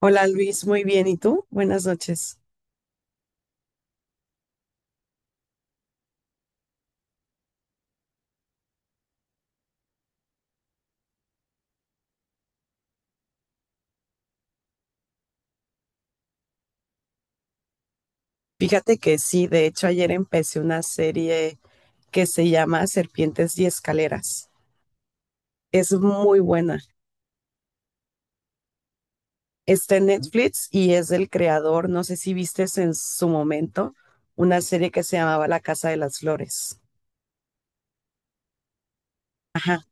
Hola Luis, muy bien. ¿Y tú? Buenas noches. Fíjate que sí, de hecho ayer empecé una serie que se llama Serpientes y Escaleras. Es muy buena. Está en Netflix y es del creador, no sé si vistes en su momento, una serie que se llamaba La Casa de las Flores. Ajá.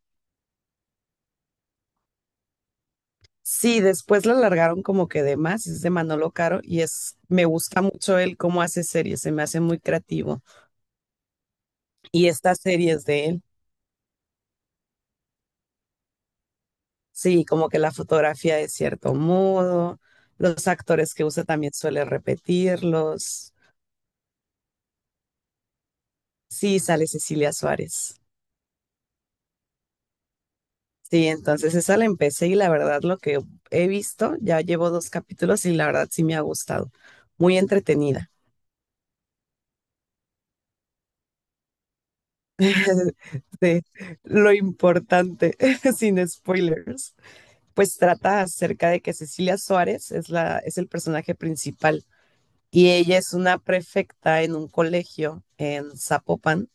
Sí, después la alargaron como que de más, es de Manolo Caro y es, me gusta mucho él cómo hace series, se me hace muy creativo. Y estas series de él. Sí, como que la fotografía de cierto modo, los actores que usa también suele repetirlos. Sí, sale Cecilia Suárez. Sí, entonces esa la empecé y la verdad lo que he visto, ya llevo dos capítulos y la verdad sí me ha gustado. Muy entretenida. De lo importante, sin spoilers, pues trata acerca de que Cecilia Suárez es el personaje principal y ella es una prefecta en un colegio en Zapopan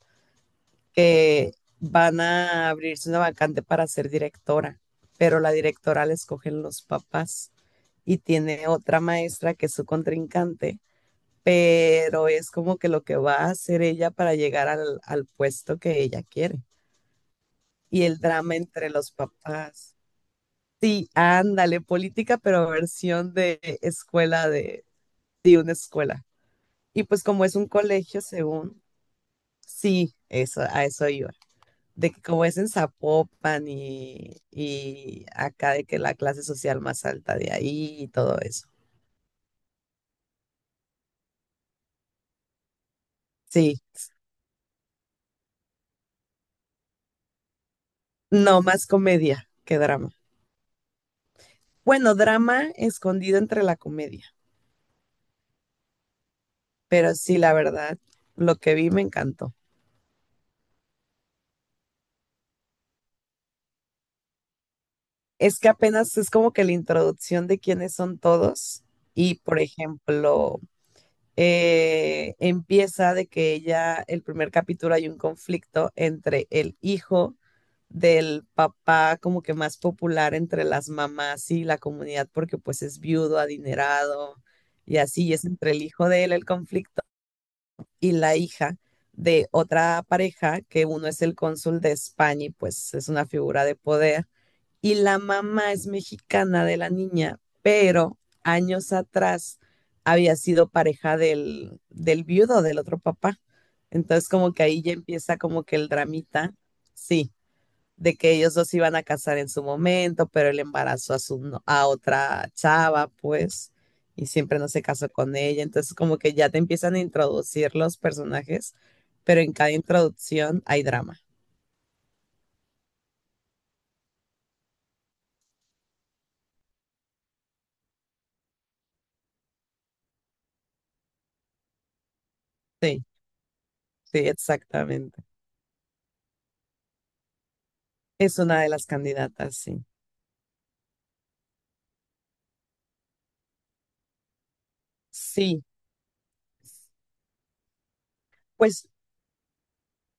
que van a abrirse una vacante para ser directora, pero la directora la escogen los papás y tiene otra maestra que es su contrincante, pero es como que lo que va a hacer ella para llegar al puesto que ella quiere. Y el drama entre los papás. Sí, ándale, política, pero versión de escuela, de, una escuela. Y pues como es un colegio, según, sí, eso, a eso iba. De que como es en Zapopan y acá de que la clase social más alta de ahí y todo eso. Sí, no más comedia que drama. Bueno, drama escondido entre la comedia, pero sí, la verdad, lo que vi me encantó. Es que apenas es como que la introducción de quiénes son todos y, por ejemplo, empieza de que ella, el primer capítulo hay un conflicto entre el hijo del papá como que más popular entre las mamás y la comunidad porque pues es viudo, adinerado y así y es entre el hijo de él el conflicto y la hija de otra pareja que uno es el cónsul de España y pues es una figura de poder y la mamá es mexicana de la niña, pero años atrás había sido pareja del, viudo, del otro papá. Entonces como que ahí ya empieza como que el dramita, sí, de que ellos dos se iban a casar en su momento, pero él embarazó a, su, no- a otra chava, pues, y siempre no se casó con ella. Entonces como que ya te empiezan a introducir los personajes, pero en cada introducción hay drama. Sí, sí, exactamente. Es una de las candidatas, sí. Sí, pues,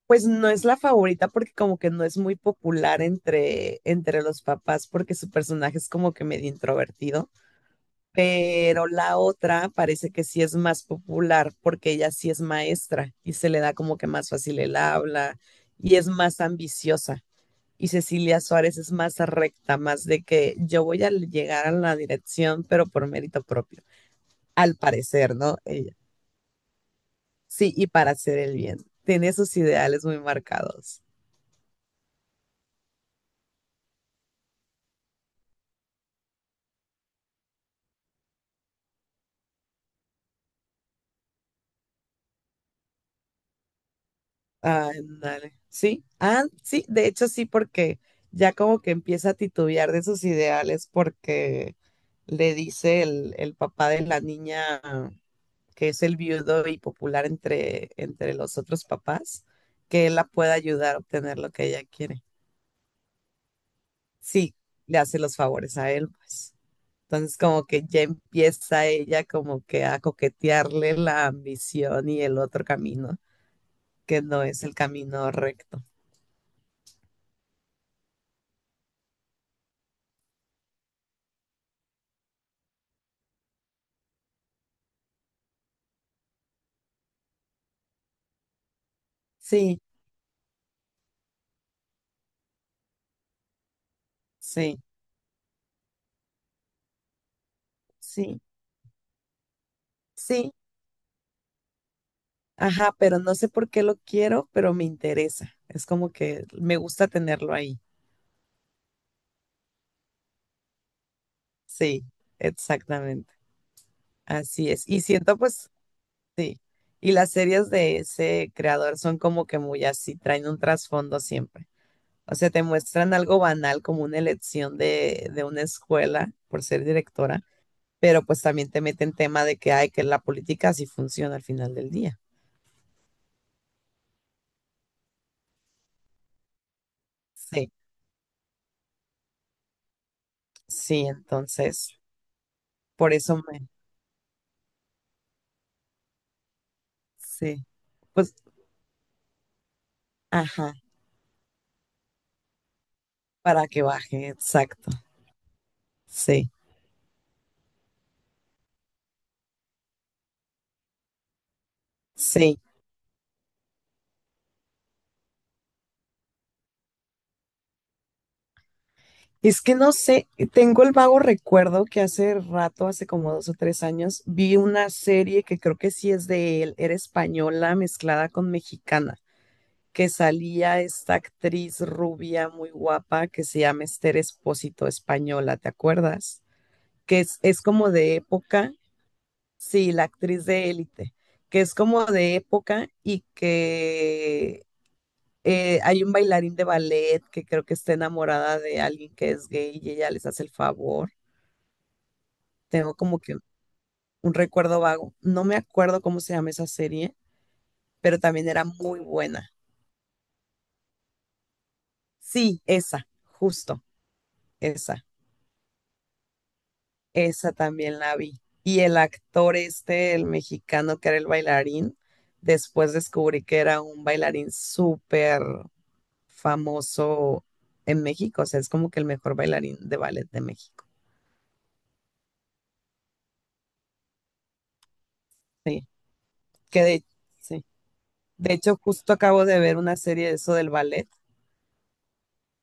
pues no es la favorita porque como que no es muy popular entre los papás porque su personaje es como que medio introvertido, pero la otra parece que sí es más popular porque ella sí es maestra y se le da como que más fácil el habla y es más ambiciosa. Y Cecilia Suárez es más recta, más de que yo voy a llegar a la dirección, pero por mérito propio, al parecer, ¿no? Ella. Sí, y para hacer el bien. Tiene sus ideales muy marcados. Ah, ándale, sí, ah, sí, de hecho sí, porque ya como que empieza a titubear de sus ideales porque le dice el, papá de la niña, que es el viudo y popular entre los otros papás, que él la pueda ayudar a obtener lo que ella quiere. Sí, le hace los favores a él, pues. Entonces como que ya empieza ella como que a coquetearle la ambición y el otro camino, que no es el camino recto. Sí, sí. Sí, sí, ajá, pero no sé por qué lo quiero, pero me interesa. Es como que me gusta tenerlo ahí. Sí, exactamente. Así es. Y siento pues, sí. Y las series de ese creador son como que muy así, traen un trasfondo siempre. O sea, te muestran algo banal como una elección de, una escuela por ser directora, pero pues también te meten tema de que hay que la política así funciona al final del día. Sí, sí, entonces, por eso me... Sí, pues, ajá, para que baje, exacto. Sí, sí. Es que no sé, tengo el vago recuerdo que hace rato, hace como 2 o 3 años, vi una serie que creo que sí es de él, era española mezclada con mexicana, que salía esta actriz rubia muy guapa que se llama Esther Espósito española, ¿te acuerdas? Que es como de época, sí, la actriz de Élite, que es como de época y que hay un bailarín de ballet que creo que está enamorada de alguien que es gay y ella les hace el favor. Tengo como que un recuerdo vago. No me acuerdo cómo se llama esa serie, pero también era muy buena. Sí, esa, justo, esa. Esa también la vi. Y el actor este, el mexicano que era el bailarín, después descubrí que era un bailarín súper famoso en México. O sea, es como que el mejor bailarín de ballet de México. Sí, que de... sí. De hecho, justo acabo de ver una serie de eso del ballet,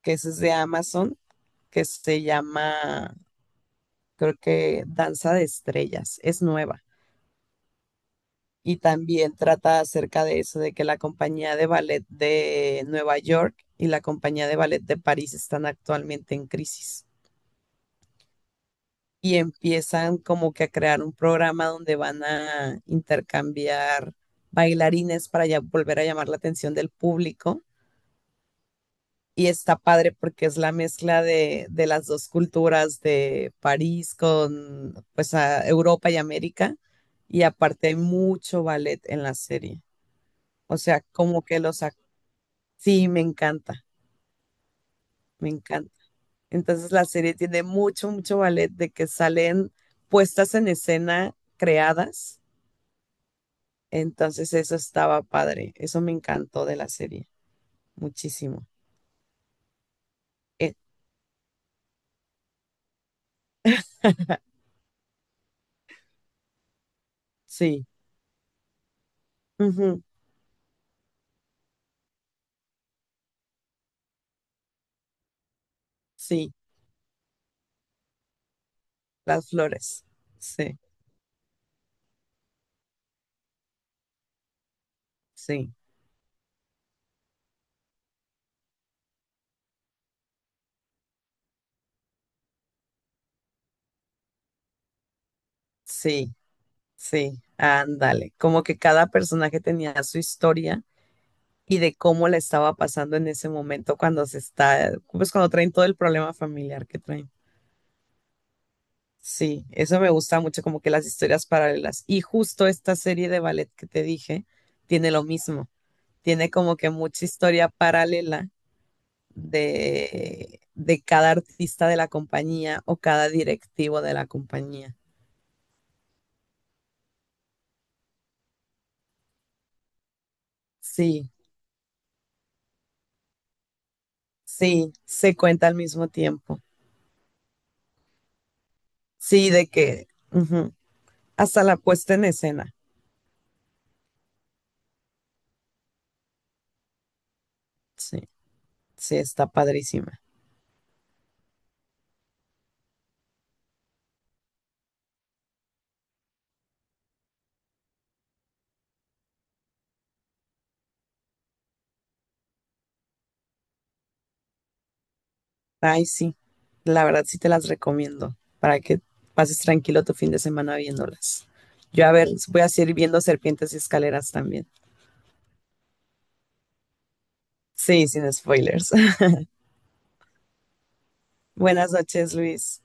que es de Amazon, que se llama, creo que Danza de Estrellas, es nueva. Y también trata acerca de eso, de que la compañía de ballet de Nueva York y la compañía de ballet de París están actualmente en crisis. Y empiezan como que a crear un programa donde van a intercambiar bailarines para ya volver a llamar la atención del público. Y está padre porque es la mezcla de, las dos culturas de París con pues a Europa y América. Y aparte hay mucho ballet en la serie. O sea, como que sí, me encanta, me encanta. Entonces la serie tiene mucho, mucho ballet de que salen puestas en escena creadas. Entonces eso estaba padre. Eso me encantó de la serie. Muchísimo. Eh, sí, ujú, sí, las flores. Sí, sí. Sí, sí, ándale. Como que cada personaje tenía su historia y de cómo la estaba pasando en ese momento cuando se está, pues cuando traen todo el problema familiar que traen. Sí, eso me gusta mucho, como que las historias paralelas. Y justo esta serie de ballet que te dije tiene lo mismo. Tiene como que mucha historia paralela de, cada artista de la compañía o cada directivo de la compañía. Sí, sí, se cuenta al mismo tiempo. Sí, de que ujú, hasta la puesta en escena. Sí, sí, está padrísima. Ay, sí, la verdad sí te las recomiendo para que pases tranquilo tu fin de semana viéndolas. Yo a ver, voy a seguir viendo Serpientes y Escaleras también. Sí, sin spoilers. Buenas noches, Luis.